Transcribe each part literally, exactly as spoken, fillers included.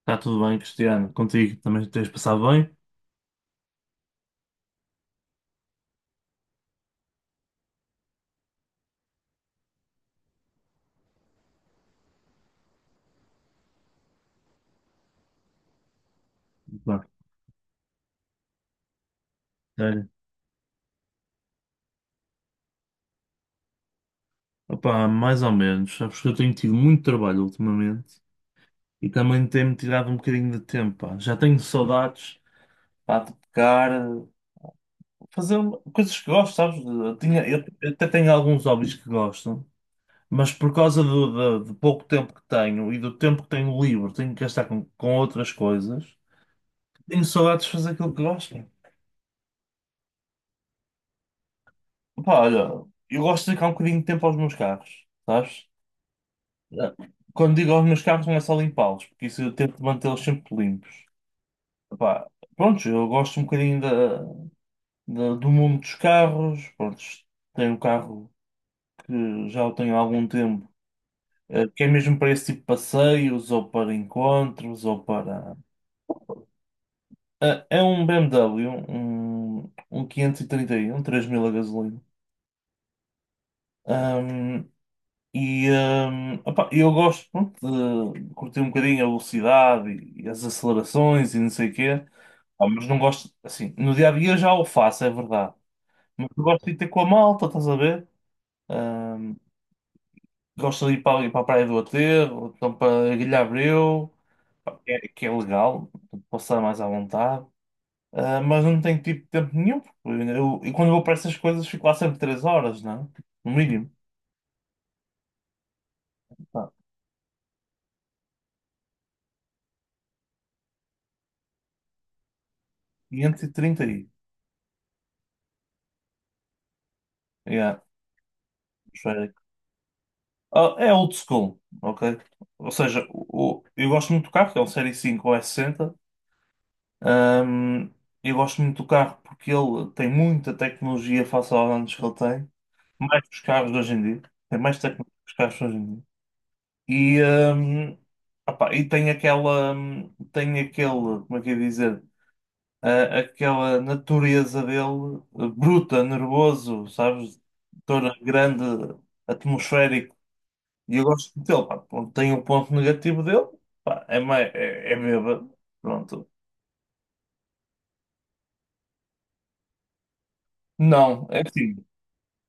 Está tudo bem, Cristiano? Contigo também tens passado bem? Pá, sério. Opá, mais ou menos. Sabes que eu tenho tido muito trabalho ultimamente e também tem-me tirado um bocadinho de tempo. Pá. Já tenho saudades pá, de tocar, fazer coisas que gosto, sabes? Eu, tinha- eu- eu até tenho alguns hobbies que gosto, mas por causa do, do- do pouco tempo que tenho e do tempo que tenho livre, tenho que gastar com, com outras coisas. Tenho saudades de fazer aquilo que gosto. Opá, olha, eu gosto de dedicar um bocadinho de tempo aos meus carros, sabes? Não. Quando digo aos meus carros, não é só limpá-los, porque isso eu tento mantê-los sempre limpos. Epá, pronto, eu gosto um bocadinho da, da- do mundo dos carros. Pronto, tenho um carro que já o tenho há algum tempo, eh, que é mesmo para esse tipo de passeios, ou para encontros, ou para. Eh, É um B M W, um, um quinhentos e trinta i, um, três mil a gasolina. Ahm, e hum, opá, eu gosto pronto, de curtir um bocadinho a velocidade e, e as acelerações e não sei o quê. Ah, mas não gosto, assim, no dia a dia eu já o faço, é verdade. Mas eu gosto de ir ter com a malta, estás a ver? Ahm, gosto de ir para, ali para a Praia do Aterro, ou então para a Ilha Abreu, pá, que é, que é legal, passar mais à vontade. Ah, mas não tenho tipo tempo nenhum, porque eu, e quando vou para essas coisas fico lá sempre três horas, não é? No mínimo. Pá, quinhentos e trinta aí. Yeah, esférico. Ah, é old school, ok? Ou seja, o, o- eu gosto muito do carro, que é um Série cinco ou S sessenta. Ahm, eu gosto muito do carro porque ele tem muita tecnologia face aos anos que ele tem, mais que os carros de hoje em dia, tem mais tecnologia que os carros de hoje em dia. E, ahm, opá, e tem aquela, hum, tem aquele, como é que eu ia dizer, ah, aquela natureza dele, eh, bruta, nervoso, sabes, toda grande, atmosférico. E eu gosto muito dele, pá. Pronto, tem o ponto negativo dele, pá, é, mais, é, é bêbado, pronto. Não, é assim.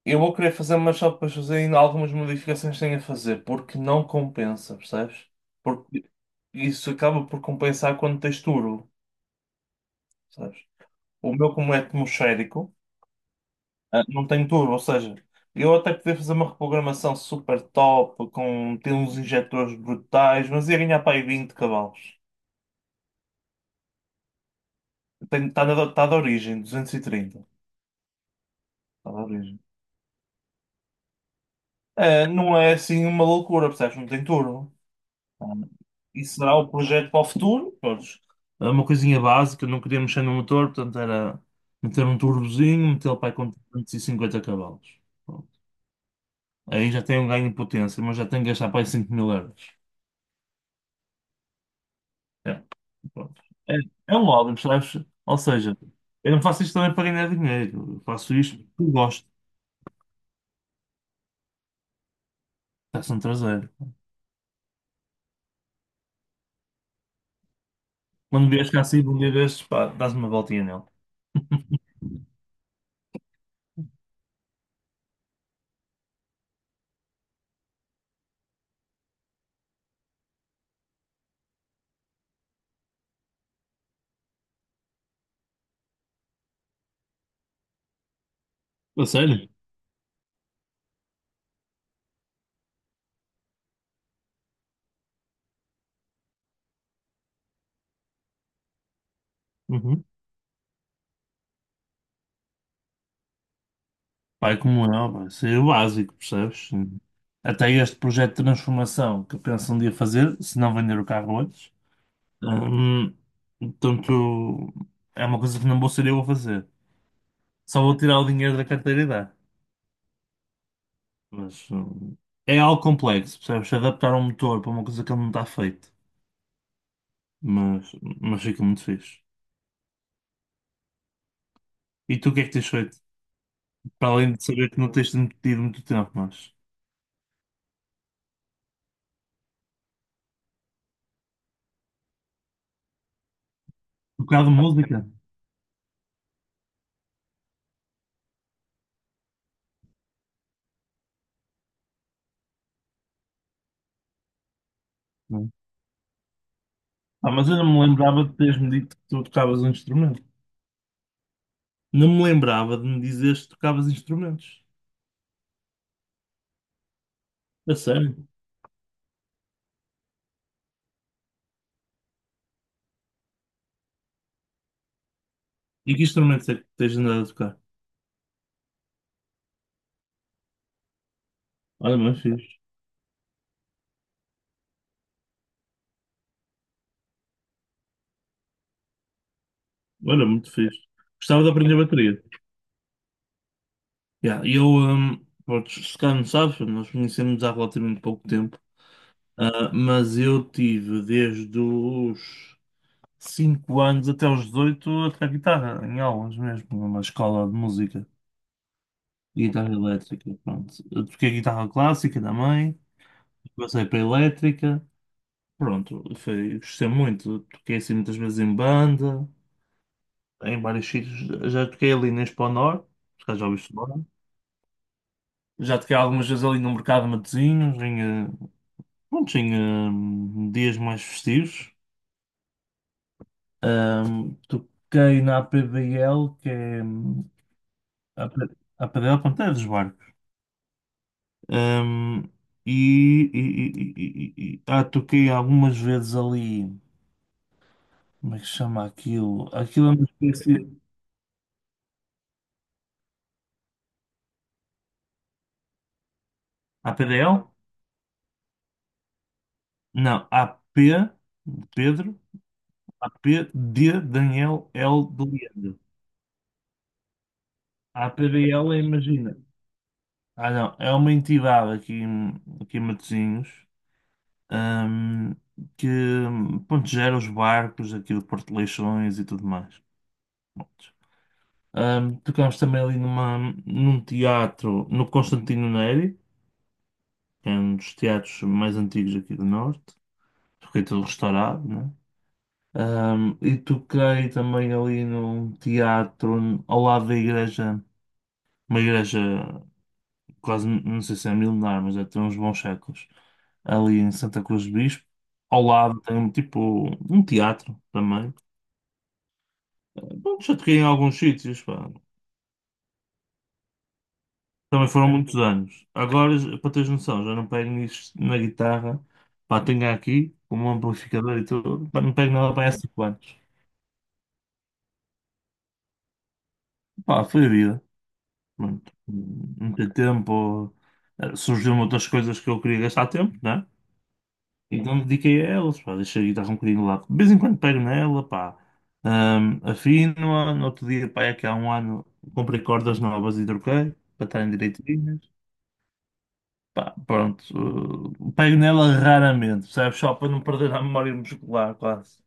Eu vou querer fazer, mas só depois fazer ainda algumas modificações que tenho a fazer, porque não compensa, percebes? Porque isso acaba por compensar quando tens turbo, percebes? O meu, como é atmosférico, ah, não tem turbo, ou seja, eu até podia fazer uma reprogramação super top, com ter uns injetores brutais, mas ia ganhar para aí vinte cavalos. Está da, tá da origem, duzentos e trinta. Está da origem. É, não é assim uma loucura, percebes? Não tem turbo. Isso será o projeto para o futuro. Pronto, é uma coisinha básica, não queria mexer no motor, portanto era meter um turbozinho, meter lo para aí com trezentos e cinquenta cavalos. Pronto. Aí já tem um ganho de potência, mas já tem que gastar para aí cinco mil euros. É, pronto. É, é um hobby, percebes? Ou seja, eu não faço isto também para ganhar dinheiro, eu faço isto porque gosto. Está-se um traseiro. Quando vieres cá assim, um dia destes, pá, dás uma voltinha nele. A sério? Uhum. Pai como eu, pá, isso é o básico, percebes? Até este projeto de transformação que eu penso um dia fazer, se não vender o carro antes, hum, portanto, é uma coisa que não vou ser eu a fazer. Só vou tirar o dinheiro da carteira e dar. Mas hum, é algo complexo, percebes? Adaptar um motor para uma coisa que ele não está feito. Mas, mas fica muito fixe. E tu o que é que tens feito? Para além de saber que não tens tido muito tempo, mas. Tocado música? Não. É? Ah, mas eu não me lembrava de teres-me dito que tu tocavas um instrumento. Não me lembrava de me dizeres que tocavas instrumentos. A sério? E que instrumentos é que tens andado a tocar? Olha, mas fixe. Olha, muito fixe. Gostava de aprender bateria. Yeah, eu, hum, pronto, se calhar não sabes, nós conhecemos há relativamente pouco tempo. Ah, mas eu tive desde os cinco anos até os dezoito a tocar guitarra, em aulas mesmo, numa escola de música. Guitarra elétrica, pronto. Eu toquei guitarra clássica da mãe, passei para a elétrica. Pronto, foi, gostei muito. Toquei assim muitas vezes em banda, em vários sítios. Já toquei ali na Expo Norte, por acaso já ouviste falar. Já toquei algumas vezes ali no Mercado de Matosinhos, em, eh, pronto, em eh, dias mais festivos. Ahm, toquei na A P D L, que é hum, a P- a APDL, pronto, é dos barcos. Ahm, e, e, e, e- e- ah, toquei algumas vezes ali, como é que se chama aquilo? Aquilo é uma espécie. A P D L? Não, A P de Pedro, A P de Daniel L de Leandro. A P D L é, imagina. Ah, não, é uma entidade aqui em, aqui em Matosinhos, ahm, que pronto, gera os barcos aqui do Porto de Leixões e tudo mais. Pronto. Ahm, tocámos também ali numa, num teatro, no Constantino Neri, que é um dos teatros mais antigos aqui do Norte. Fiquei todo restaurado, né? Ahm, e toquei também ali num teatro ao lado da igreja, uma igreja quase, não sei se é milenar, mas é tem uns bons séculos, ali em Santa Cruz do Bispo. Ao lado tem um tipo um teatro também. Ah, bom, já toquei em alguns sítios, pá. Também foram muitos anos. Agora, para teres noção, já não pego nisso na guitarra, pá, tenho aqui como um amplificador e tudo, pá, não pego nada para há cinco anos. Pá, foi a vida. Pronto, meti tempo, eh, surgiram outras coisas que eu queria gastar tempo, né? Então dediquei a elas, pá, deixei a guitarra um bocadinho lá. Lado. De vez em quando pego nela, pá. Ahm, afino-a, no outro dia, pá, é que há um ano comprei cordas novas e troquei, para estarem direitinhas. Pá, pronto, eh, pego nela raramente, percebes? Só para não perder a memória muscular, quase.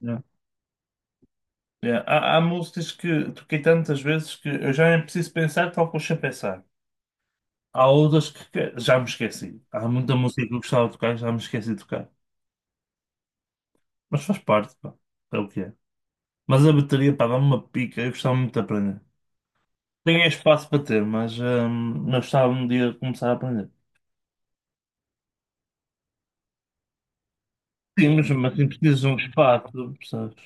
Né? É, há, há músicas que toquei tantas vezes que eu já nem preciso pensar, toco sem pensar. Há outras que que- já me esqueci. Há muita música que eu gostava de tocar e já me esqueci de tocar. Mas faz parte, pá. É o que é. Mas a bateria, pá, dá-me uma pica. Eu gostava muito de aprender. Tenho espaço para ter, mas, hum, mas gostava um dia de começar a aprender. Sim, mas, mas assim, precisas de um espaço, percebes?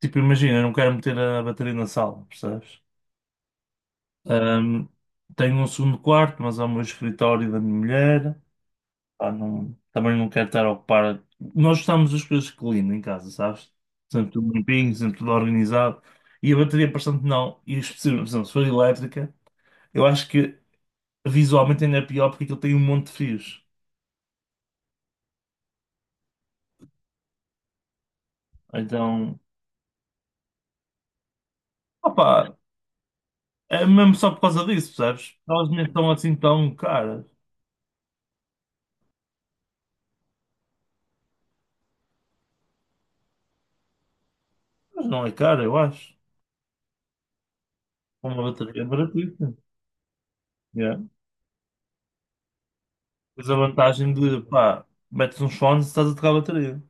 Tipo, imagina, eu não quero meter a bateria na sala, percebes? Hum, tenho um segundo quarto, mas há o meu escritório da minha mulher. Pá, não- também não quero estar a ocupar. Nós gostamos das coisas clean em casa, sabes? Sempre tudo limpinho, sempre tudo organizado. E a bateria, bastante não. E especialmente, por exemplo, se for elétrica, eu acho que visualmente ainda é pior porque aquilo tem um monte de fios. Então, opá, é mesmo só por causa disso, percebes? Elas nem estão assim tão caras. Mas não é cara, eu acho. Uma bateria é baratíssima. Yeah. Tens a vantagem de, pá, metes uns fones e estás a tocar a bateria.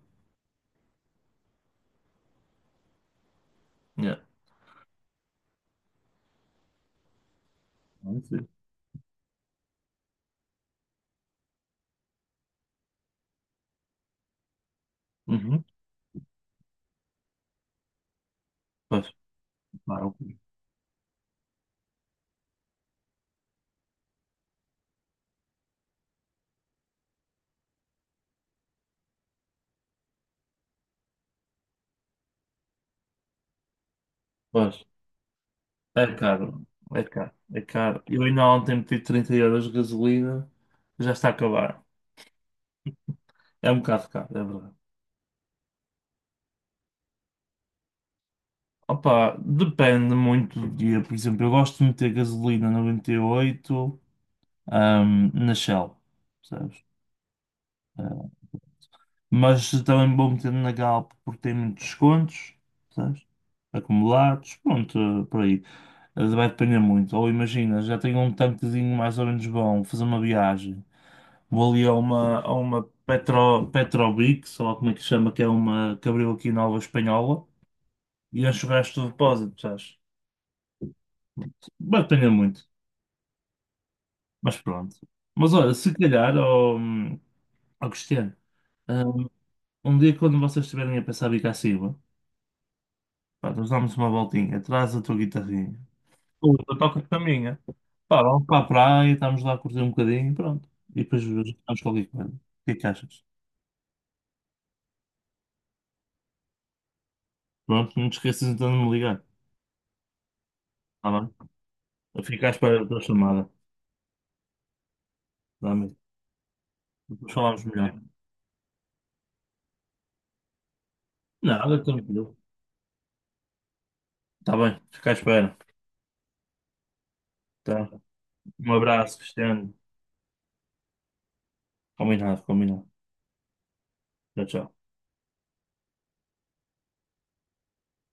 Yeah. Não sei. Uhum. Pois, claro. Pois, é caro, é caro, é caro. Eu ainda ontem meti trinta euros de gasolina, já está a acabar. É um bocado caro, é verdade. Opa, depende muito do dia. Por exemplo, eu gosto de meter gasolina noventa e oito, ahm, na Shell, percebes? Ah, mas também vou meter na Galp porque tem muitos descontos, percebes? Acumulados, pronto, ah, por aí. Ah, vai depender muito. Ou imagina, já tenho um tanquezinho mais ou menos bom, vou fazer uma viagem. Vou ali a uma, a uma Petro, Petrobix, sei lá como é que se chama, que é uma que abriu aqui na alva Espanhola, e encho o resto do depósito, sabes? Batalha muito, mas pronto. Mas olha, se calhar, ó ó Cristiano, hum, um, dia quando vocês estiverem a pensar em Cacimba, pá, nós damos uma voltinha, traz a tua guitarrinha, ou eu toco com a minha, pá, vamos para a praia, estamos lá a curtir um bocadinho, pronto, e depois vamos qualquer coisa. O que é que achas? Pronto, não te esqueças então de me ligar, tá bem? Eu fico à espera da tua chamada. Realmente. Depois falamos melhor. Nada, tranquilo. Tá bem, fica à espera. Tá. Um abraço, Cristiano. Combinado, combinado. Tchau, tchau.